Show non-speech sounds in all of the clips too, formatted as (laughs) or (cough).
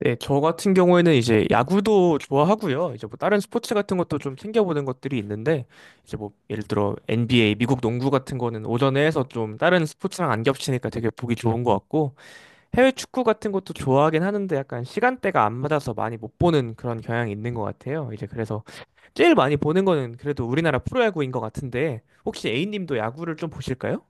네, 저 같은 경우에는 이제 야구도 좋아하고요. 이제 뭐 다른 스포츠 같은 것도 좀 챙겨보는 것들이 있는데, 이제 뭐 예를 들어 NBA, 미국 농구 같은 거는 오전에 해서 좀 다른 스포츠랑 안 겹치니까 되게 보기 좋은 것 같고, 해외 축구 같은 것도 좋아하긴 하는데 약간 시간대가 안 맞아서 많이 못 보는 그런 경향이 있는 것 같아요. 이제 그래서 제일 많이 보는 거는 그래도 우리나라 프로야구인 것 같은데, 혹시 A님도 야구를 좀 보실까요?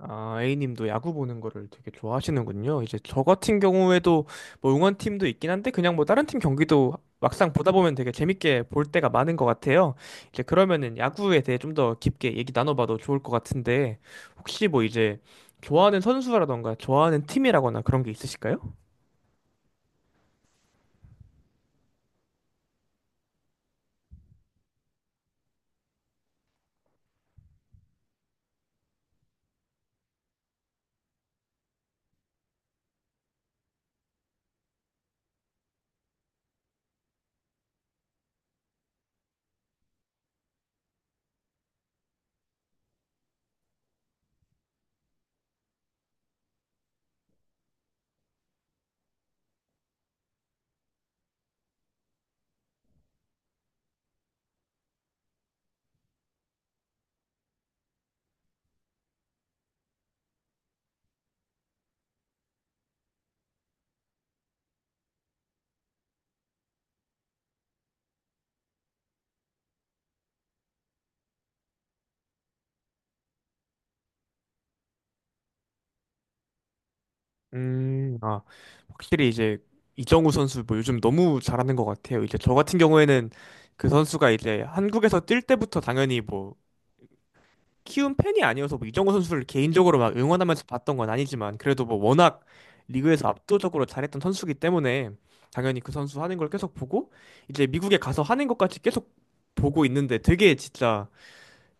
아, A님도 야구 보는 거를 되게 좋아하시는군요. 이제 저 같은 경우에도 뭐 응원팀도 있긴 한데 그냥 뭐 다른 팀 경기도 막상 보다 보면 되게 재밌게 볼 때가 많은 것 같아요. 이제 그러면은 야구에 대해 좀 더 깊게 얘기 나눠봐도 좋을 것 같은데 혹시 뭐 이제 좋아하는 선수라던가 좋아하는 팀이라거나 그런 게 있으실까요? 아, 확실히 이제 이정우 선수 뭐 요즘 너무 잘하는 것 같아요. 이제 저 같은 경우에는 그 선수가 이제 한국에서 뛸 때부터 당연히 뭐 키운 팬이 아니어서 뭐 이정후 선수를 개인적으로 막 응원하면서 봤던 건 아니지만, 그래도 뭐 워낙 리그에서 압도적으로 잘했던 선수기 때문에 당연히 그 선수 하는 걸 계속 보고, 이제 미국에 가서 하는 것까지 계속 보고 있는데, 되게 진짜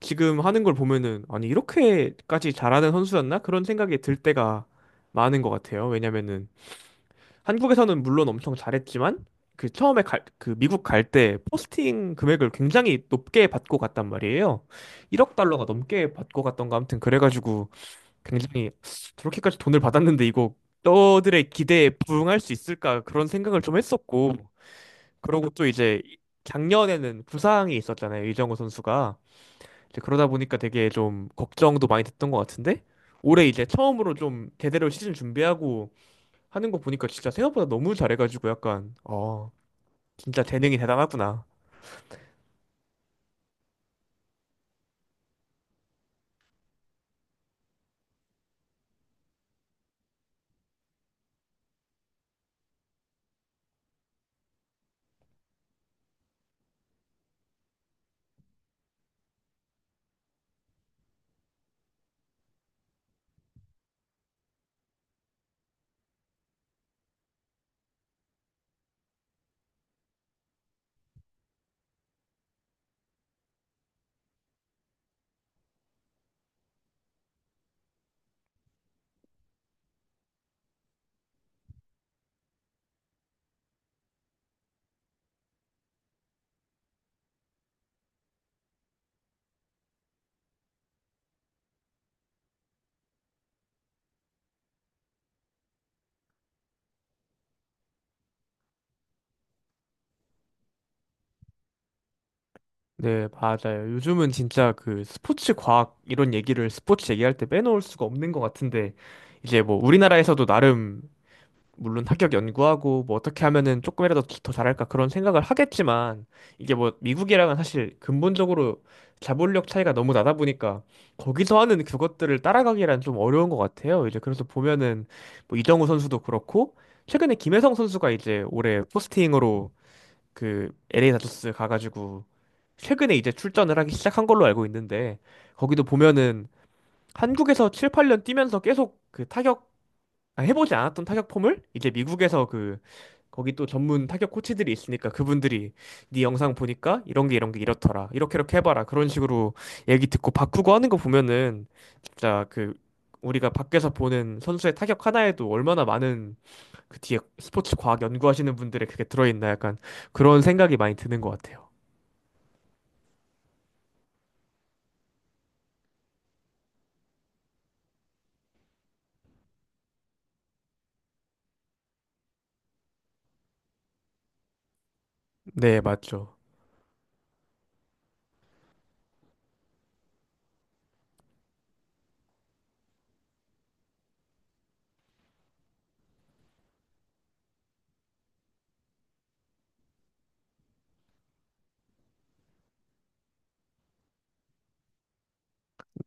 지금 하는 걸 보면은 아니 이렇게까지 잘하는 선수였나? 그런 생각이 들 때가 많은 것 같아요. 왜냐면은 한국에서는 물론 엄청 잘했지만 그 미국 갈 때 포스팅 금액을 굉장히 높게 받고 갔단 말이에요. 1억 달러가 넘게 받고 갔던가, 아무튼 그래가지고 굉장히 저렇게까지 돈을 받았는데 이거 너들의 기대에 부응할 수 있을까, 그런 생각을 좀 했었고, 그러고 또 이제 작년에는 부상이 있었잖아요. 이정우 선수가. 이제 그러다 보니까 되게 좀 걱정도 많이 됐던 것 같은데, 올해 이제 처음으로 좀 제대로 시즌 준비하고 하는 거 보니까 진짜 생각보다 너무 잘해가지고 약간 진짜 재능이 대단하구나. 네, 맞아요. 요즘은 진짜 그 스포츠 과학 이런 얘기를 스포츠 얘기할 때 빼놓을 수가 없는 것 같은데, 이제 뭐 우리나라에서도 나름 물론 합격 연구하고 뭐 어떻게 하면은 조금이라도 더 잘할까 그런 생각을 하겠지만, 이게 뭐 미국이랑은 사실 근본적으로 자본력 차이가 너무 나다 보니까 거기서 하는 그것들을 따라가기란 좀 어려운 것 같아요. 이제 그래서 보면은 뭐 이정우 선수도 그렇고, 최근에 김혜성 선수가 이제 올해 포스팅으로 그 LA 다저스 가가지고 최근에 이제 출전을 하기 시작한 걸로 알고 있는데, 거기도 보면은 한국에서 7, 8년 뛰면서 계속 그 타격 아, 해보지 않았던 타격 폼을 이제 미국에서 그 거기 또 전문 타격 코치들이 있으니까, 그분들이 네 영상 보니까 이런 게 이렇더라, 이렇게 이렇게 해봐라, 그런 식으로 얘기 듣고 바꾸고 하는 거 보면은 진짜 그 우리가 밖에서 보는 선수의 타격 하나에도 얼마나 많은 그 뒤에 스포츠 과학 연구하시는 분들의 그게 들어있나, 약간 그런 생각이 많이 드는 것 같아요. 네, 맞죠.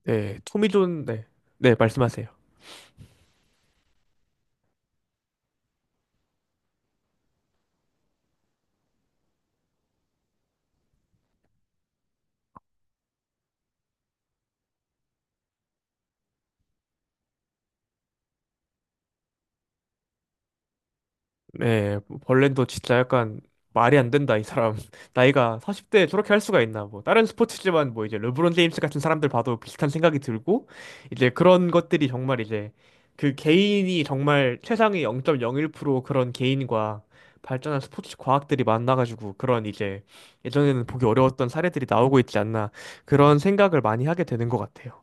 네, 토미존, 네, 네, 말씀하세요. 네, 벌렌도 진짜 약간 말이 안 된다, 이 사람. (laughs) 나이가 40대에 저렇게 할 수가 있나. 뭐, 다른 스포츠지만 뭐 이제 르브론 제임스 같은 사람들 봐도 비슷한 생각이 들고, 이제 그런 것들이 정말 이제 그 개인이 정말 최상의 0.01% 그런 개인과 발전한 스포츠 과학들이 만나가지고 그런 이제 예전에는 보기 어려웠던 사례들이 나오고 있지 않나, 그런 생각을 많이 하게 되는 것 같아요.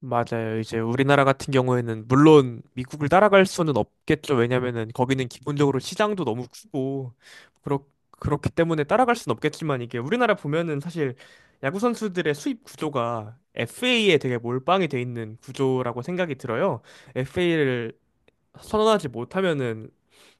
맞아요. 이제 우리나라 같은 경우에는 물론 미국을 따라갈 수는 없겠죠. 왜냐면은 거기는 기본적으로 시장도 너무 크고 그렇 그렇기 때문에 따라갈 수는 없겠지만, 이게 우리나라 보면은 사실 야구 선수들의 수입 구조가 FA에 되게 몰빵이 돼 있는 구조라고 생각이 들어요. FA를 선언하지 못하면은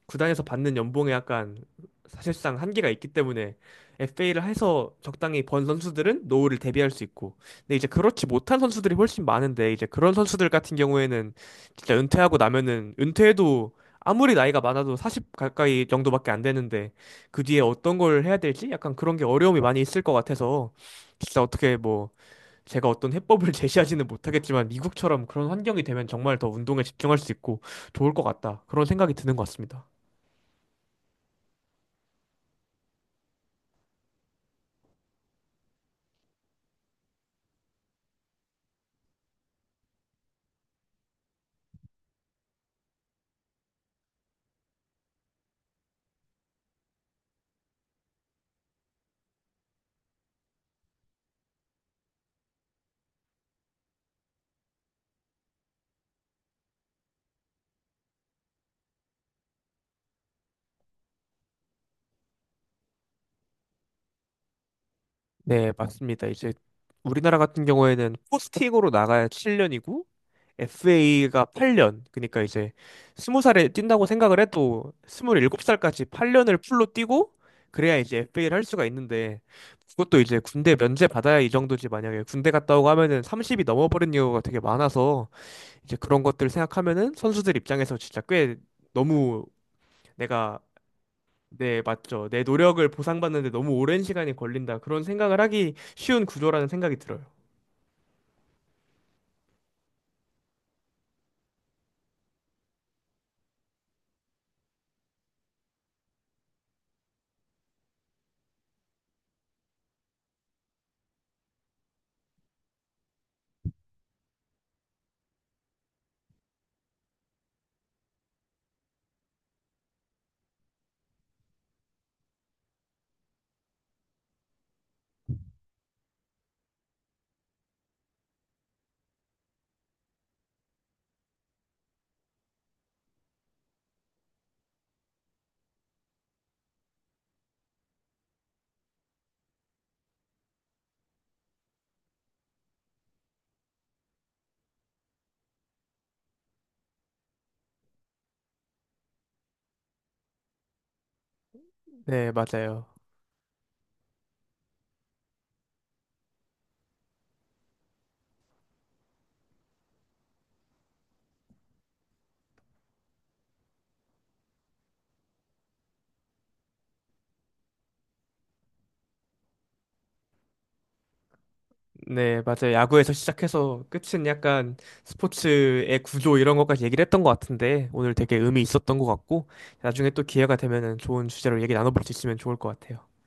구단에서 받는 연봉에 약간 사실상 한계가 있기 때문에, FA를 해서 적당히 번 선수들은 노후를 대비할 수 있고, 근데 이제 그렇지 못한 선수들이 훨씬 많은데, 이제 그런 선수들 같은 경우에는 진짜 은퇴하고 나면은, 은퇴해도 아무리 나이가 많아도 40 가까이 정도밖에 안 되는데, 그 뒤에 어떤 걸 해야 될지 약간 그런 게 어려움이 많이 있을 것 같아서, 진짜 어떻게 뭐 제가 어떤 해법을 (laughs) 제시하지는 못하겠지만, 미국처럼 그런 환경이 되면 정말 더 운동에 집중할 수 있고 좋을 것 같다, 그런 생각이 드는 것 같습니다. 네, 맞습니다. 이제 우리나라 같은 경우에는 포스팅으로 나가야 7년이고 FA가 8년. 그러니까 이제 20살에 뛴다고 생각을 해도 27살까지 8년을 풀로 뛰고 그래야 이제 FA를 할 수가 있는데, 그것도 이제 군대 면제 받아야 이 정도지 만약에 군대 갔다 오고 하면은 30이 넘어버린 경우가 되게 많아서, 이제 그런 것들 생각하면은 선수들 입장에서 진짜 꽤 너무. 내가 네, 맞죠. 내 노력을 보상받는데 너무 오랜 시간이 걸린다, 그런 생각을 하기 쉬운 구조라는 생각이 들어요. 네, 맞아요. 네, 맞아요. 야구에서 시작해서 끝은 약간 스포츠의 구조 이런 것까지 얘기를 했던 것 같은데 오늘 되게 의미 있었던 것 같고, 나중에 또 기회가 되면은 좋은 주제로 얘기 나눠볼 수 있으면 좋을 것 같아요.